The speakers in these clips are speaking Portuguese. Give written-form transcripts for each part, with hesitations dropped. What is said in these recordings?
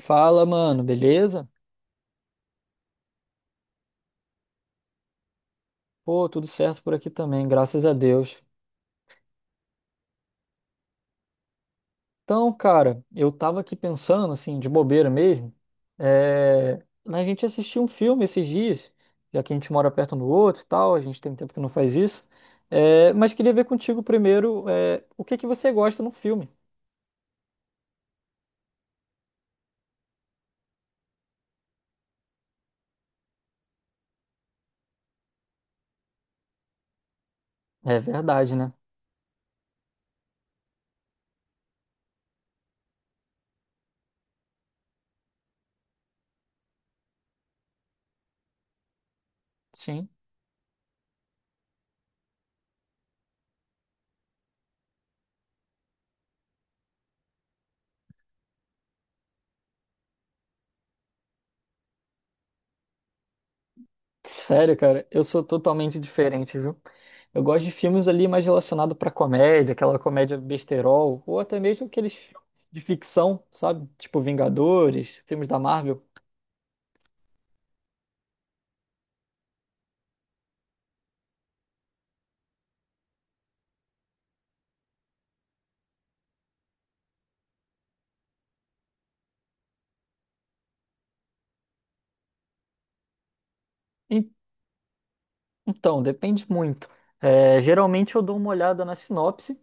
Fala, mano, beleza? Pô, tudo certo por aqui também, graças a Deus. Então, cara, eu tava aqui pensando, assim, de bobeira mesmo, na gente assistir um filme esses dias, já que a gente mora perto um do outro e tal, a gente tem tempo que não faz isso, mas queria ver contigo primeiro, o que que você gosta num filme. É verdade, né? Sim. Sério, cara, eu sou totalmente diferente, viu? Eu gosto de filmes ali mais relacionados pra comédia, aquela comédia besterol, ou até mesmo aqueles filmes de ficção, sabe? Tipo Vingadores, filmes da Marvel. En- Então, depende muito. É, geralmente eu dou uma olhada na sinopse,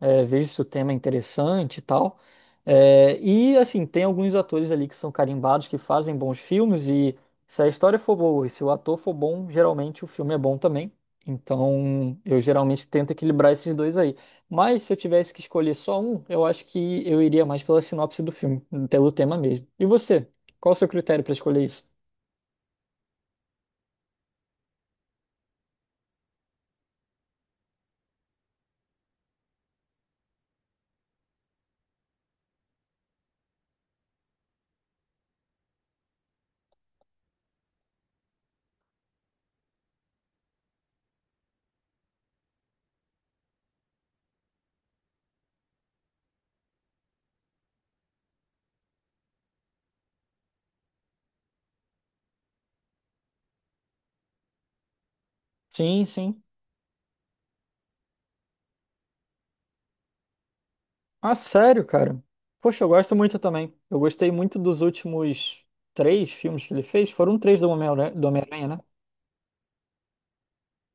vejo se o tema é interessante e tal. É, e assim, tem alguns atores ali que são carimbados, que fazem bons filmes, e se a história for boa e se o ator for bom, geralmente o filme é bom também. Então, eu geralmente tento equilibrar esses dois aí. Mas se eu tivesse que escolher só um, eu acho que eu iria mais pela sinopse do filme, pelo tema mesmo. E você? Qual o seu critério para escolher isso? Sim, sim. Ah, sério, cara? Poxa, eu gosto muito também. Eu gostei muito dos últimos três filmes que ele fez. Foram três do Homem-Aranha, né?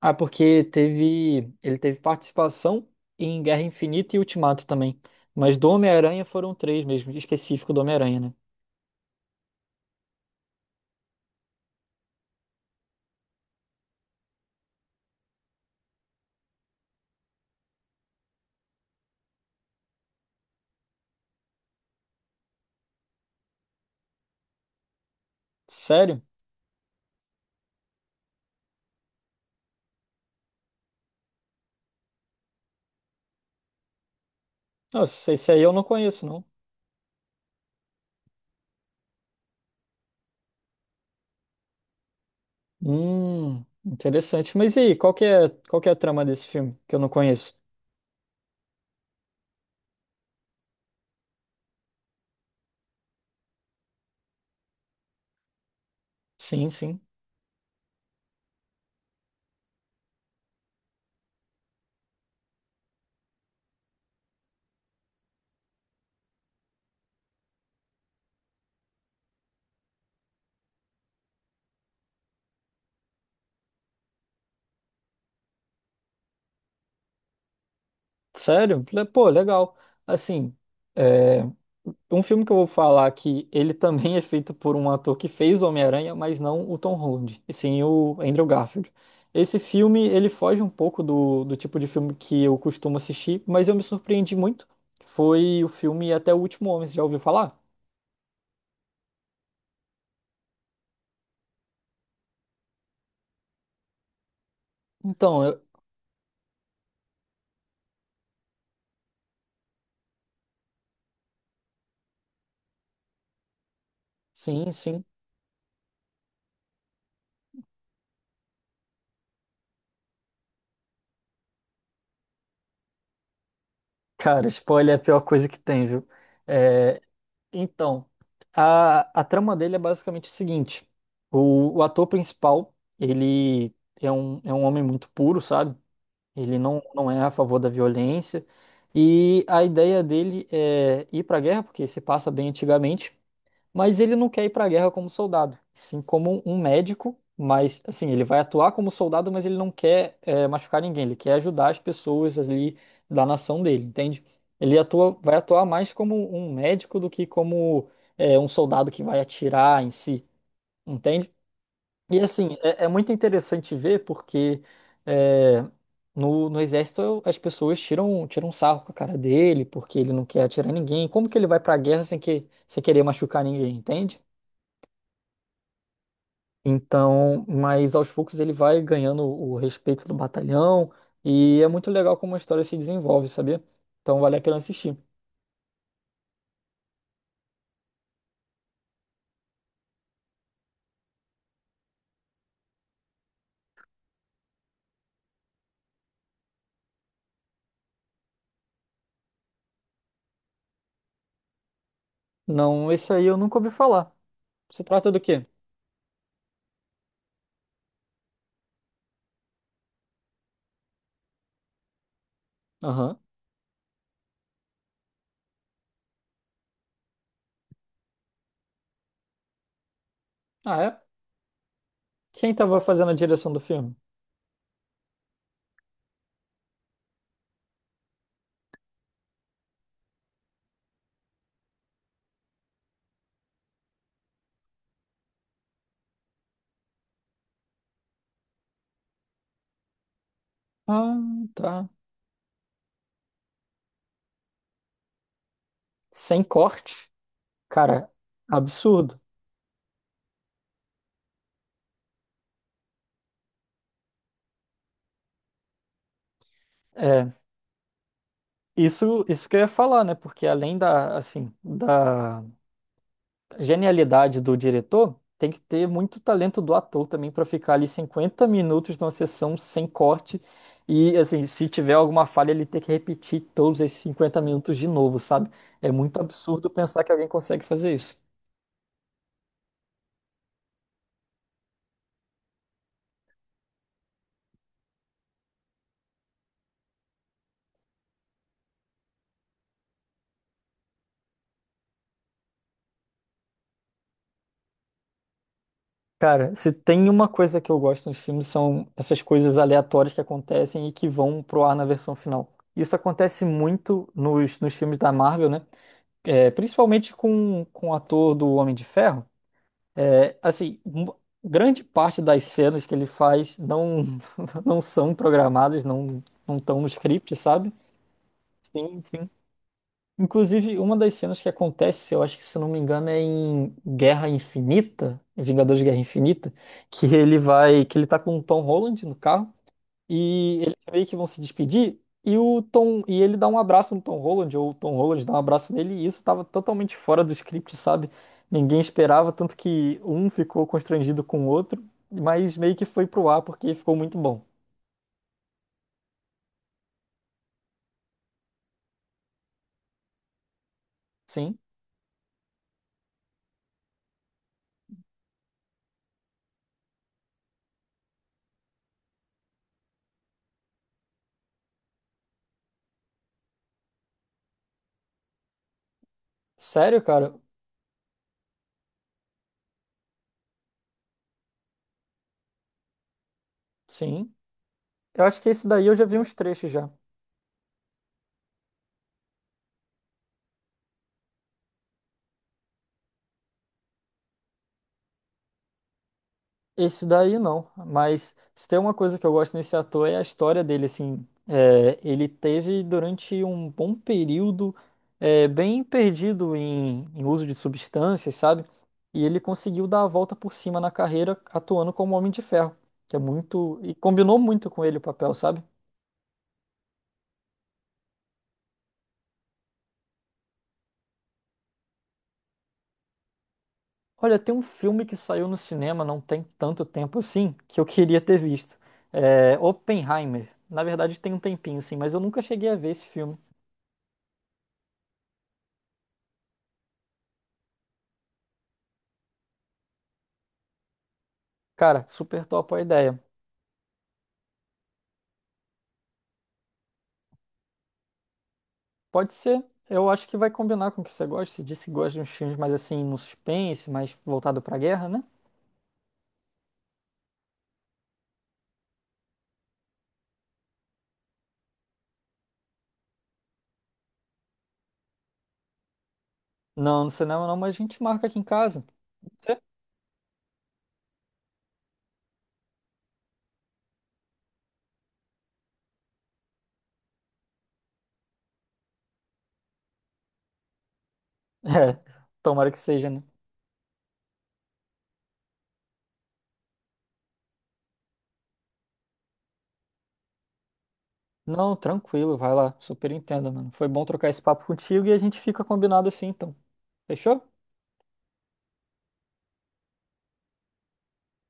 Ah, porque ele teve participação em Guerra Infinita e Ultimato também. Mas do Homem-Aranha foram três mesmo, específico do Homem-Aranha, né? Sério? Nossa, esse aí eu não conheço, não. Interessante. Mas e aí, qual que é a trama desse filme que eu não conheço? Sim, sim. Sério? Pô, legal. Assim, é, um filme que eu vou falar que ele também é feito por um ator que fez Homem-Aranha, mas não o Tom Holland, e sim o Andrew Garfield. Esse filme, ele foge um pouco do tipo de filme que eu costumo assistir, mas eu me surpreendi muito. Foi o filme Até o Último Homem, você já ouviu falar? Então, sim, sim. Cara, spoiler é a pior coisa que tem, viu? É. Então, a trama dele é basicamente o seguinte. O ator principal, ele é um homem muito puro, sabe? Ele não é a favor da violência. E a ideia dele é ir para a guerra, porque se passa bem antigamente, mas ele não quer ir para a guerra como soldado, sim como um médico, mas assim, ele vai atuar como soldado, mas ele não quer machucar ninguém, ele quer ajudar as pessoas ali da nação dele, entende? Vai atuar mais como um médico do que como um soldado que vai atirar em si, entende? E assim, é muito interessante ver porque é, no exército as pessoas tiram um sarro com a cara dele porque ele não quer atirar ninguém. Como que ele vai pra guerra sem querer machucar ninguém, entende? Então, mas aos poucos ele vai ganhando o respeito do batalhão e é muito legal como a história se desenvolve, sabia? Então vale a pena assistir. Não, esse aí eu nunca ouvi falar. Se trata do quê? Aham. Ah, é? Quem tava fazendo a direção do filme? Ah, tá. Sem corte. Cara, absurdo. É, isso que eu ia falar, né? Porque além da, assim, da genialidade do diretor, tem que ter muito talento do ator também para ficar ali 50 minutos numa sessão sem corte e, assim, se tiver alguma falha, ele ter que repetir todos esses 50 minutos de novo, sabe? É muito absurdo pensar que alguém consegue fazer isso. Cara, se tem uma coisa que eu gosto nos filmes são essas coisas aleatórias que acontecem e que vão pro ar na versão final. Isso acontece muito nos filmes da Marvel, né? É, principalmente com o ator do Homem de Ferro. É, assim, grande parte das cenas que ele faz não, não são programadas, não estão no script, sabe? Sim, sim. Inclusive, uma das cenas que acontece, eu acho que se não me engano, é em Guerra Infinita, em Vingadores de Guerra Infinita, que ele tá com o Tom Holland no carro e eles meio que vão se despedir e e ele dá um abraço no Tom Holland ou o Tom Holland dá um abraço nele e isso tava totalmente fora do script, sabe? Ninguém esperava, tanto que um ficou constrangido com o outro, mas meio que foi pro ar porque ficou muito bom. Sim. Sério, cara? Sim. Eu acho que esse daí eu já vi uns trechos já. Esse daí não, mas se tem uma coisa que eu gosto nesse ator é a história dele, assim, ele teve durante um bom período, bem perdido em uso de substâncias, sabe? E ele conseguiu dar a volta por cima na carreira atuando como Homem de Ferro, que é muito, e combinou muito com ele o papel, sabe? Olha, tem um filme que saiu no cinema não tem tanto tempo assim, que eu queria ter visto, Oppenheimer. Na verdade tem um tempinho, assim, mas eu nunca cheguei a ver esse filme. Cara, super top a ideia. Pode ser. Eu acho que vai combinar com o que você gosta. Você disse que gosta de uns filmes mais assim, no suspense, mais voltado pra guerra, né? Não, no cinema não, mas a gente marca aqui em casa. Pode ser? É, tomara que seja, né? Não, tranquilo, vai lá. Super entendo, mano. Foi bom trocar esse papo contigo e a gente fica combinado assim, então. Fechou?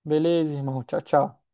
Beleza, irmão. Tchau, tchau.